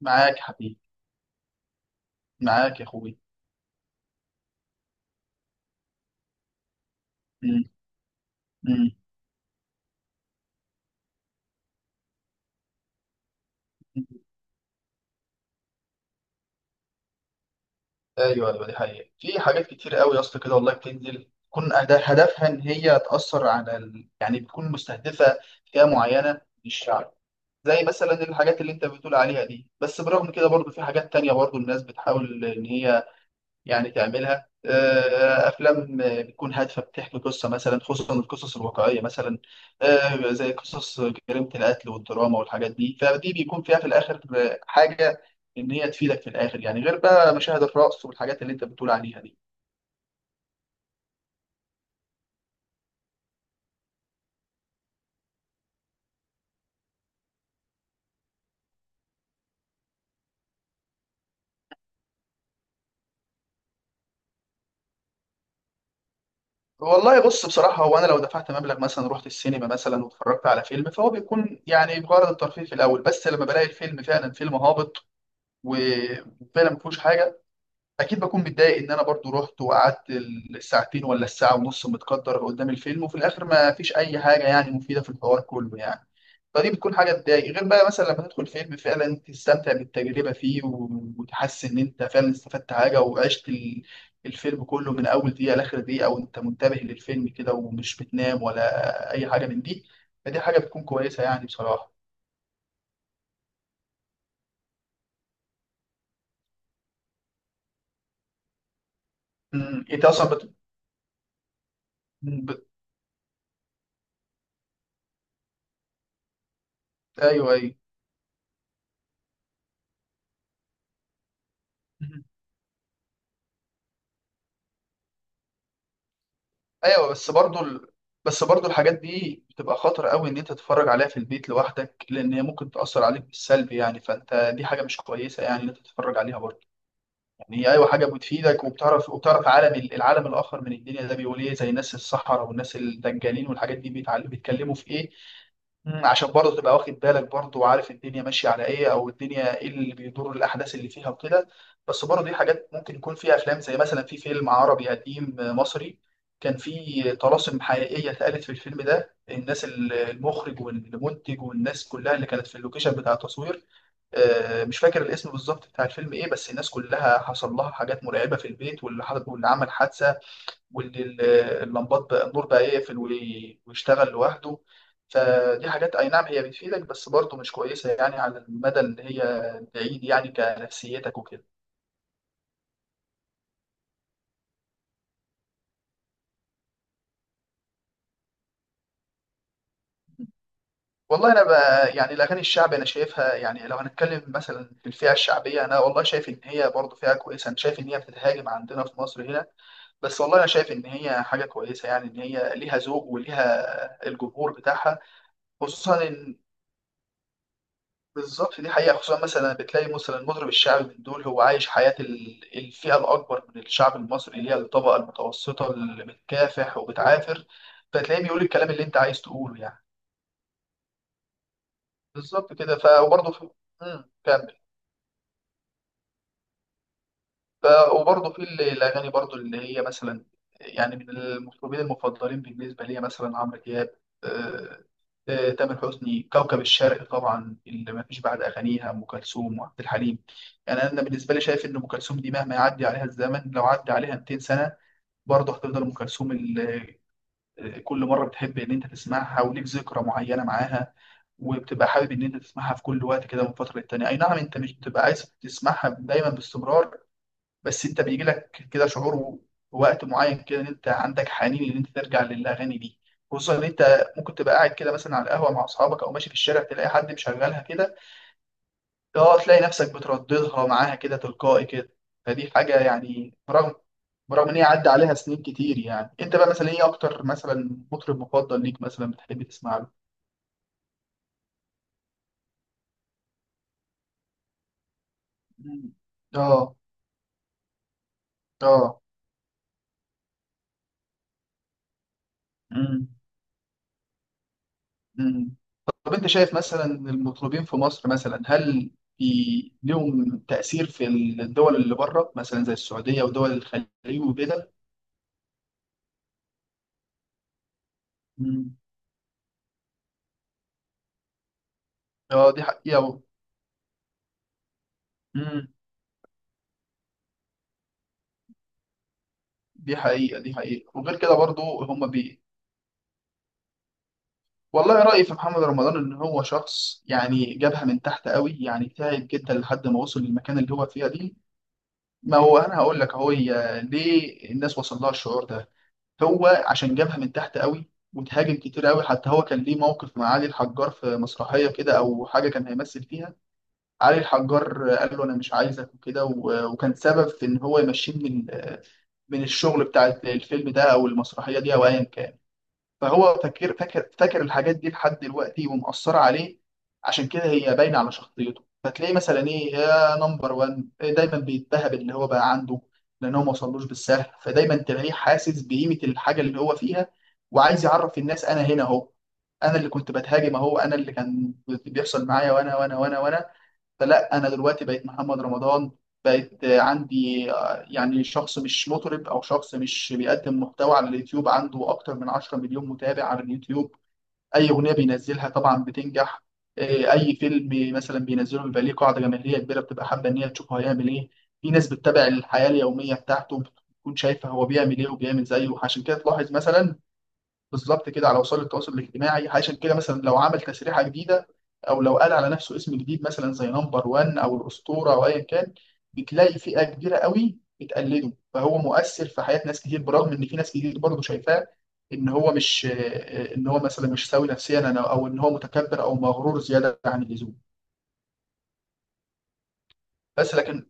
معاك يا حبيبي. معاك يا اخوي. مم. مم. ايوه ايوه، دي حقيقة، في حاجات كتير قوي يا اسطى كده والله بتنزل تكون هدفها ان هي تأثر على يعني بتكون مستهدفة فئة معينة من الشعب، زي مثلا الحاجات اللي انت بتقول عليها دي. بس برغم كده برضو في حاجات تانية برضو الناس بتحاول ان هي يعني تعملها، افلام بتكون هادفه بتحكي قصه مثلا، خصوصا القصص الواقعيه مثلا، زي قصص جريمه القتل والدراما والحاجات دي، فدي بيكون فيها في الاخر حاجه ان هي تفيدك في الاخر، يعني غير بقى مشاهد الرقص والحاجات اللي انت بتقول عليها دي. والله بص، بصراحة هو أنا لو دفعت مبلغ مثلا، رحت السينما مثلا واتفرجت على فيلم، فهو بيكون يعني بغرض الترفيه في الأول، بس لما بلاقي الفيلم فعلا فيلم هابط وفعلا ما فيهوش حاجة، اكيد بكون متضايق ان انا برضو رحت وقعدت الساعتين ولا الساعه ونص متقدر قدام الفيلم، وفي الاخر ما فيش اي حاجه يعني مفيده في الحوار كله يعني. فدي بتكون حاجه تضايق، غير بقى مثلا لما تدخل فيلم فعلا تستمتع بالتجربه فيه وتحس ان انت فعلا استفدت حاجه وعشت الفيلم كله من اول دقيقه لاخر دقيقه، وانت منتبه للفيلم كده ومش بتنام ولا اي حاجه من دي. فدي حاجه بتكون كويسه يعني بصراحه. انت اصلا بت... ايوه ايوه ايوه. بس برضو الحاجات دي بتبقى خطر قوي ان انت تتفرج عليها في البيت لوحدك، لان هي ممكن تاثر عليك بالسلب يعني، فانت دي حاجه مش كويسه يعني ان انت تتفرج عليها برضو. يعني هي ايوه حاجه بتفيدك وبتعرف، العالم الاخر من الدنيا، ده بيقول ايه زي ناس الصحراء والناس الدجالين والحاجات دي، بيتعلموا بيتكلموا في ايه، عشان برضه تبقى واخد بالك برضه، وعارف الدنيا ماشيه على ايه، او الدنيا ايه اللي بيدور الاحداث اللي فيها وكده. بس برضه دي حاجات ممكن يكون فيها افلام، زي مثلا في فيلم عربي قديم مصري، كان في طلاسم حقيقيه اتقالت في الفيلم ده. الناس المخرج والمنتج والناس كلها اللي كانت في اللوكيشن بتاع التصوير، مش فاكر الاسم بالظبط بتاع الفيلم ايه، بس الناس كلها حصل لها حاجات مرعبه في البيت، واللي عمل حادثه، وان ال- اللمبات بقى، النور بقى يقفل ويشتغل لوحده. فدي حاجات اي نعم هي بتفيدك، بس برضه مش كويسه يعني على المدى اللي هي بعيد يعني، كنفسيتك وكده. والله انا بقى يعني الاغاني الشعبي انا شايفها يعني، لو هنتكلم مثلا في الفئه الشعبيه، انا والله شايف ان هي برضه فئه كويسه. انا شايف ان هي بتتهاجم عندنا في مصر هنا، بس والله انا شايف ان هي حاجه كويسه يعني، ان هي ليها ذوق وليها الجمهور بتاعها. خصوصا ان بالظبط دي حقيقة، خصوصا مثلا بتلاقي مثلا المطرب الشعبي من دول هو عايش حياة الفئة الأكبر من الشعب المصري، اللي هي الطبقة المتوسطة اللي بتكافح وبتعافر، فتلاقيه بيقول الكلام اللي أنت عايز تقوله يعني. بالظبط كده. ف وبرضه في... مم، كمل ف- وبرضه في الأغاني برضه اللي هي مثلا، يعني من المطربين المفضلين بالنسبة لي مثلا عمرو دياب، آه، تامر حسني. كوكب الشرق طبعا اللي ما فيش بعد أغانيها، أم كلثوم وعبد الحليم، يعني أنا بالنسبة لي شايف إن أم كلثوم دي مهما يعدي عليها الزمن، لو عدى عليها 200 سنة برضه هتفضل أم كلثوم كل مرة بتحب إن أنت تسمعها، وليك ذكرى معينة معاها، وبتبقى حابب إن أنت تسمعها في كل وقت كده من فترة للتانية. أي نعم أنت مش بتبقى عايز تسمعها دايما باستمرار، بس انت بيجي لك كده شعور وقت معين كده، ان انت عندك حنين ان انت ترجع للاغاني دي، خصوصا ان انت ممكن تبقى قاعد كده مثلا على القهوه مع اصحابك، او ماشي في الشارع تلاقي حد مشغلها كده، اه تلاقي نفسك بترددها معاها كده تلقائي كده. فدي حاجه يعني برغم، برغم ان هي عدى عليها سنين كتير يعني. انت بقى مثلا ايه اكتر مثلا مطرب مفضل ليك مثلا بتحب تسمع له؟ مم. اه. اه. مم. مم. طب انت شايف مثلا المطربين في مصر مثلا، هل لهم تأثير في الدول اللي بره مثلا زي السعودية ودول الخليج وكده؟ مم. اه دي حقيقة مم. دي حقيقة دي حقيقة، وغير كده برضو هم بي. والله رأيي في محمد رمضان ان هو شخص يعني جابها من تحت قوي، يعني تعب جدا لحد ما وصل للمكان اللي هو فيها دي. ما هو انا هقول لك اهو، هي ليه الناس وصل لها الشعور ده. هو عشان جابها من تحت قوي وتهاجم كتير قوي، حتى هو كان ليه موقف مع علي الحجار في مسرحية كده أو حاجة كان هيمثل فيها، علي الحجار قال له أنا مش عايزك وكده، وكان سبب في إن هو يمشيه من من الشغل بتاع الفيلم ده أو المسرحية دي أو أيا كان. فهو فاكر الحاجات دي لحد دلوقتي، ومأثرة عليه، عشان كده هي باينة على شخصيته، فتلاقيه مثلا ايه يا نمبر وان دايما بيتبهب اللي هو بقى عنده، لان هو ما وصلوش بالسهل، فدايما تلاقيه حاسس بقيمة الحاجة اللي هو فيها، وعايز يعرف الناس انا هنا اهو، انا اللي كنت بتهاجم اهو، انا اللي كان بيحصل معايا، وانا وانا وانا وانا. فلا، انا دلوقتي بقيت محمد رمضان، بقيت عندي يعني شخص مش مطرب، او شخص مش بيقدم محتوى على اليوتيوب، عنده اكتر من 10 مليون متابع على اليوتيوب. اي اغنيه بينزلها طبعا بتنجح، اي فيلم مثلا بينزله بيبقى ليه قاعده جماهيريه كبيره، بتبقى حابه ان هي تشوفه هيعمل ايه. في ناس بتتابع الحياه اليوميه بتاعته، بتكون شايفه هو بيعمل ايه وبيعمل زيه، عشان كده تلاحظ مثلا بالظبط كده على وسائل التواصل الاجتماعي. عشان كده مثلا لو عمل تسريحه جديده، او لو قال على نفسه اسم جديد مثلا زي نمبر 1 او الاسطوره او ايا كان، بتلاقي فئه كبيره قوي بتقلده، فهو مؤثر في حياه ناس كتير، برغم ان في ناس كتير برضه شايفاه ان هو مش، ان هو مثلا مش سوي نفسيا او ان هو متكبر او مغرور زياده عن اللزوم. بس لكن،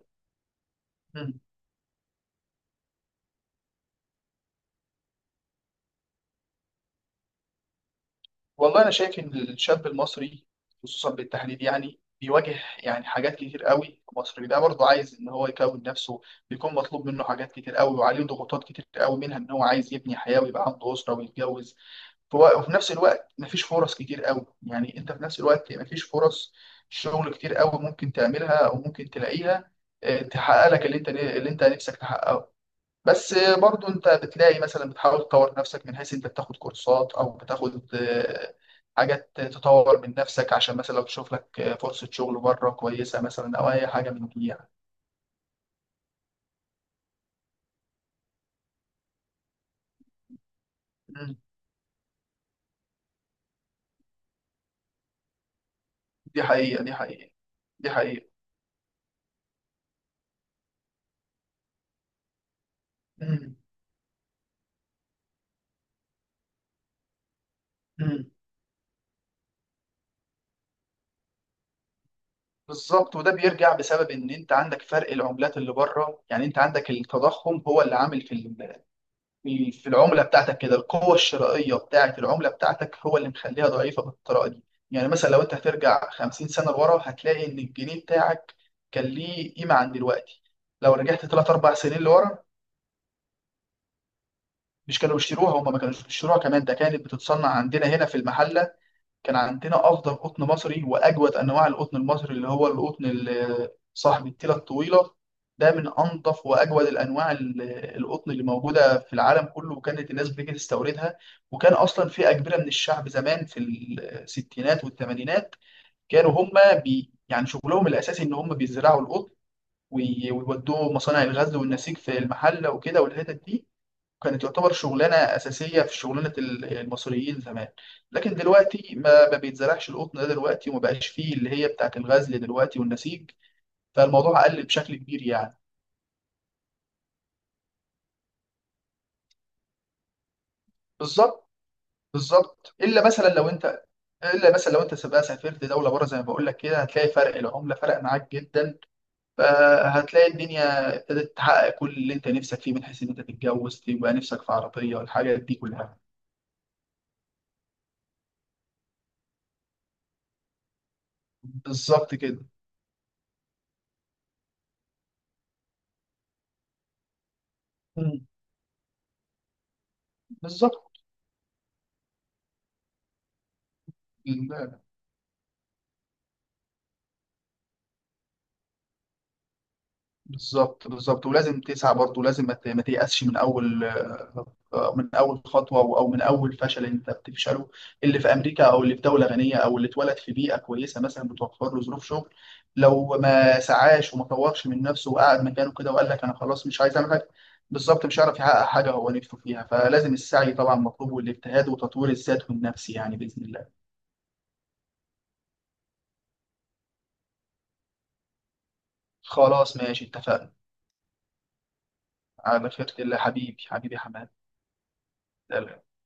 والله انا شايف ان الشاب المصري، خصوصا بالتحديد يعني بيواجه يعني حاجات كتير قوي. المصري ده برضه عايز ان هو يكون نفسه، بيكون مطلوب منه حاجات كتير قوي، وعليه ضغوطات كتير قوي، منها ان هو عايز يبني حياه ويبقى عنده اسره ويتجوز. وفي نفس الوقت مفيش فرص كتير قوي يعني، انت في نفس الوقت مفيش فرص شغل كتير قوي ممكن تعملها او ممكن تلاقيها، تحقق لك اللي انت نفسك تحققه. بس برضو انت بتلاقي مثلا بتحاول تطور نفسك من حيث انت بتاخد كورسات، او بتاخد حاجات تطور من نفسك، عشان مثلا لو تشوف لك فرصة شغل بره كويسة مثلا، او اي حاجة من دي يعني. مم. دي حقيقة. دي حقيقة. دي حقيقة. مم. مم. بالظبط، وده بيرجع بسبب ان انت عندك فرق العملات اللي بره، يعني انت عندك التضخم هو اللي عامل في في العملة بتاعتك كده، القوة الشرائية بتاعت العملة بتاعتك هو اللي مخليها ضعيفة بالطريقة دي. يعني مثلا لو انت هترجع 50 سنة لورا، هتلاقي ان الجنيه بتاعك كان ليه قيمة عن دلوقتي. لو رجعت 3 4 سنين لورا، مش كانوا بيشتروها، هم ما كانوش بيشتروها كمان، ده كانت بتتصنع عندنا هنا في المحل. كان عندنا افضل قطن مصري، واجود انواع القطن المصري اللي هو القطن صاحب التيله الطويله. ده من انظف واجود الانواع القطن اللي موجوده في العالم كله، وكانت الناس بتيجي تستوردها. وكان اصلا في اجبره من الشعب زمان في الستينات والثمانينات، كانوا هم بي يعني شغلهم الاساسي ان هم بيزرعوا القطن، ويودوه مصانع الغزل والنسيج في المحله وكده والحتت دي، كانت تعتبر شغلانه اساسيه في شغلانه المصريين زمان. لكن دلوقتي ما بيتزرعش القطن ده دلوقتي، وما بقاش فيه اللي هي بتاعت الغزل دلوقتي والنسيج، فالموضوع قل بشكل كبير يعني. بالظبط. بالظبط الا مثلا لو انت الا مثلا لو انت بقى سافرت دوله بره زي ما بقول لك كده، هتلاقي فرق العمله فرق معاك جدا، فهتلاقي الدنيا ابتدت تحقق كل اللي انت نفسك فيه، من حيث ان انت تتجوز تبقى نفسك في عربيه والحاجات دي كلها. بالظبط كده. مم. بالظبط بالظبط، ولازم تسعى برضه، ولازم ما تيأسش من اول، من اول خطوه او أو من اول فشل انت بتفشله. اللي في امريكا، او اللي في دوله غنيه، او اللي اتولد في بيئه كويسه مثلا بتوفر له ظروف شغل، لو ما سعاش وما طورش من نفسه وقعد مكانه كده وقال لك انا خلاص مش عايز اعمل حاجه، بالظبط مش هيعرف يحقق حاجه هو نفسه فيها. فلازم السعي طبعا مطلوب، والاجتهاد وتطوير الذات والنفس يعني، باذن الله. خلاص ماشي، اتفقنا. على خيرة الله حبيبي، حبيبي حماد.